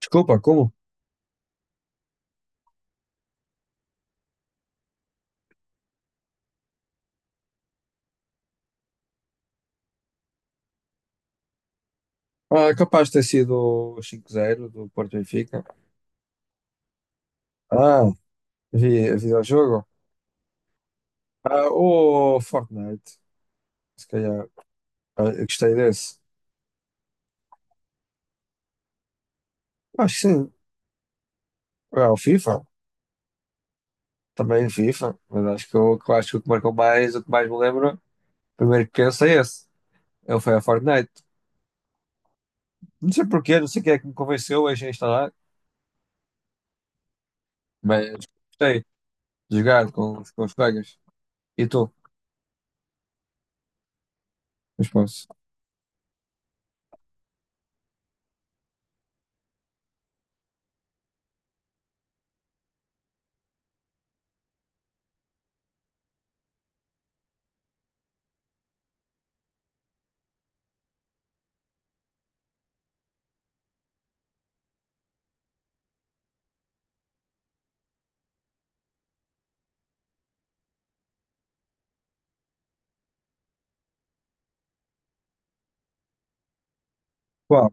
Desculpa, como? Ah, é capaz de ter sido o 5-0 do Porto Benfica. Ah, vi o jogo. Ah, o Fortnite. Se calhar. Ah, eu gostei desse. Acho que sim. Ah, o FIFA. Também FIFA. Mas acho que o que eu acho que o que marcou mais, o que mais me lembro, primeiro que penso é esse. Ele foi a Fortnite. Não sei porquê, não sei quem é que me convenceu a instalar, mas gostei de jogar com, com os colegas. E tu? Mas posso. Qual?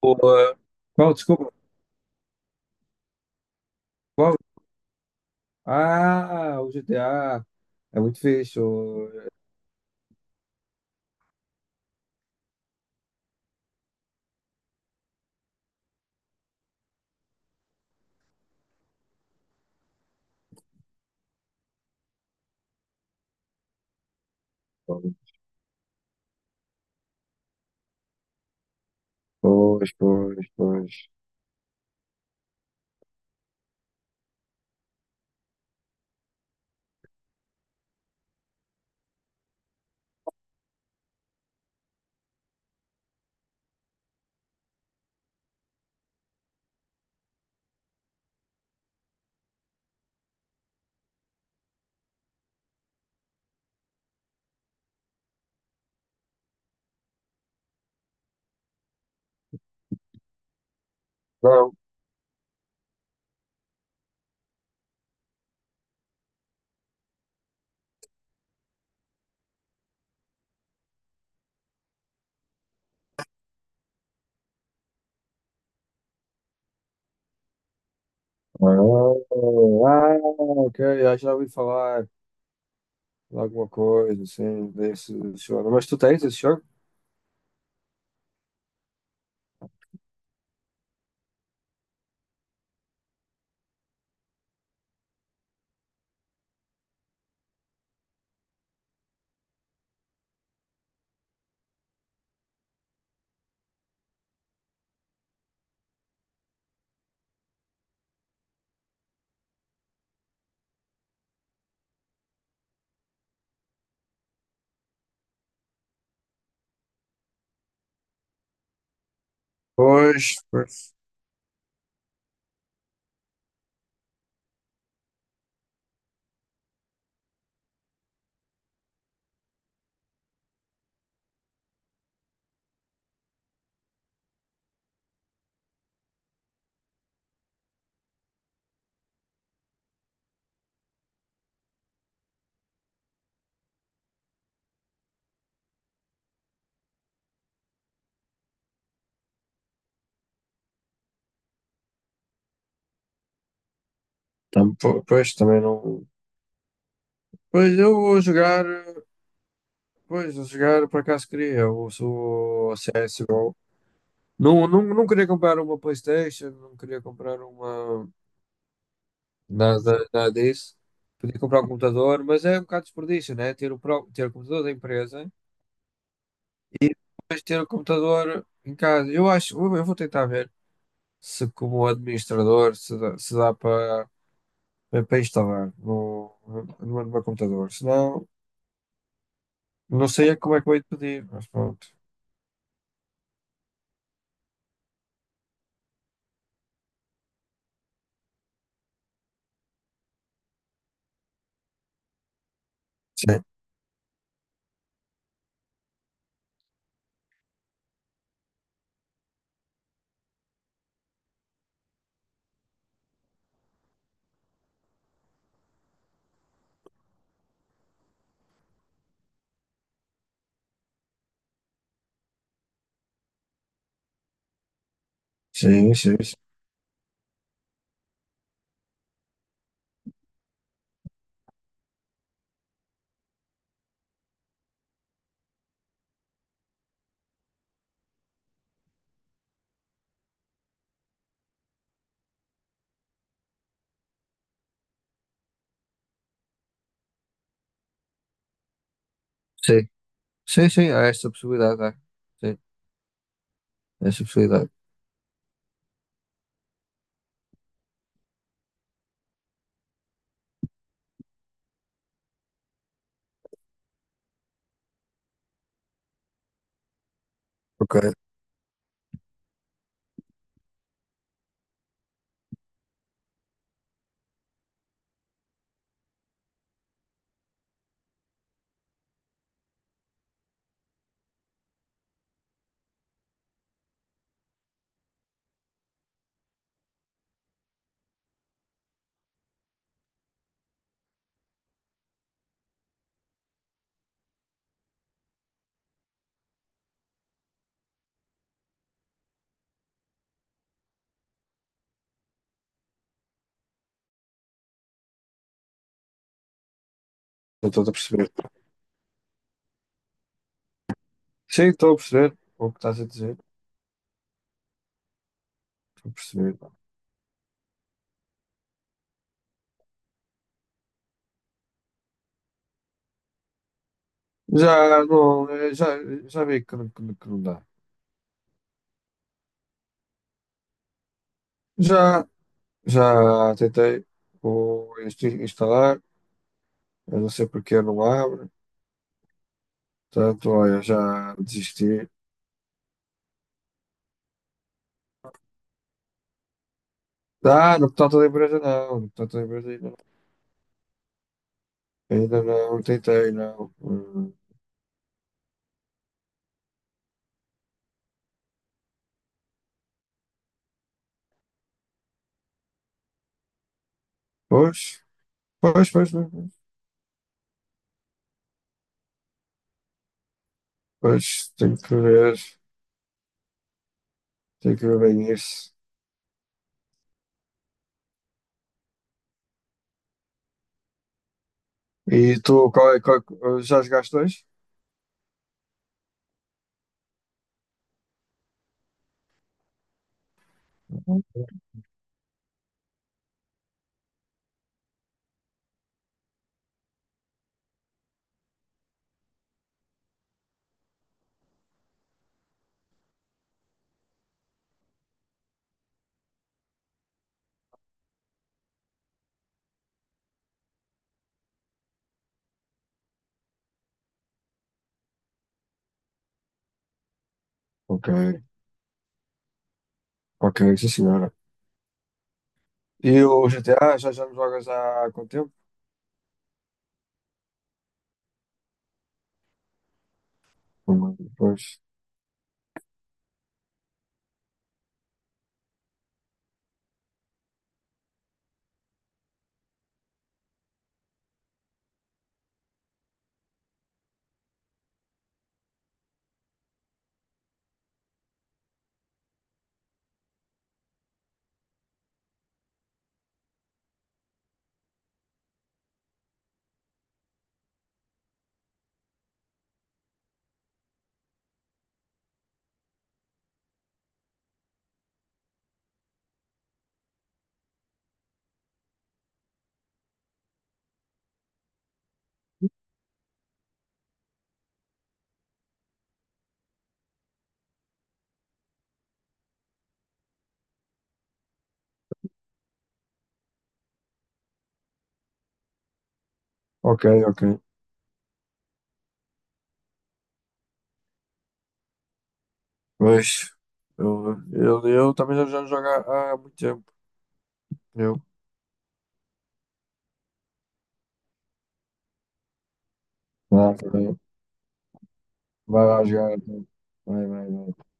O, ah, qual? Desculpa. Qual? Ah, o GTA é muito fixe. Pois, pois, pois. Não. Ah, Ah, ok, eu já ouvi falar de alguma coisa assim desse jogo. Mas tu tens esse jogo? Pois, pois. Pois, também não. Pois eu vou jogar, pois, vou jogar, por acaso queria, eu sou CSGO. Não, não, não queria comprar uma PlayStation, não queria comprar uma. Nada, nada disso. Podia comprar um computador, mas é um bocado desperdício, né? Ter o, ter o computador da empresa, mas ter o computador em casa. Eu acho, eu vou tentar ver se como administrador se dá, se dá para para instalar no meu computador. Senão, não sei é como é que vou ir pedir, mas pronto. Sim, sim, sim. Sim, sim, sim, sim, há essa possibilidade, há. Sim, há essa possibilidade. Ok, estou a perceber. Sim, estou a perceber o que estás a dizer. Estou a perceber. Já não, já vi que, não que não dá. Já, já tentei instalar, eu não sei porque não abre. Portanto, olha, já desisti. Ah, no portal da empresa não, no portal da empresa ainda não. Ainda não tentei, não. Hum. Pois, pois, pois, pois, pois, pois, tenho que ver bem isso. E tu, qual já jogaste dois? Ok, ok, sim senhora. E o GTA, já, já não jogas há quanto tempo? Pois. Ok, ok. Mas eu também já não jogo há, há muito tempo. Eu. Ah, tá bem. Vai lá jogar, então. Vai, vai, vai.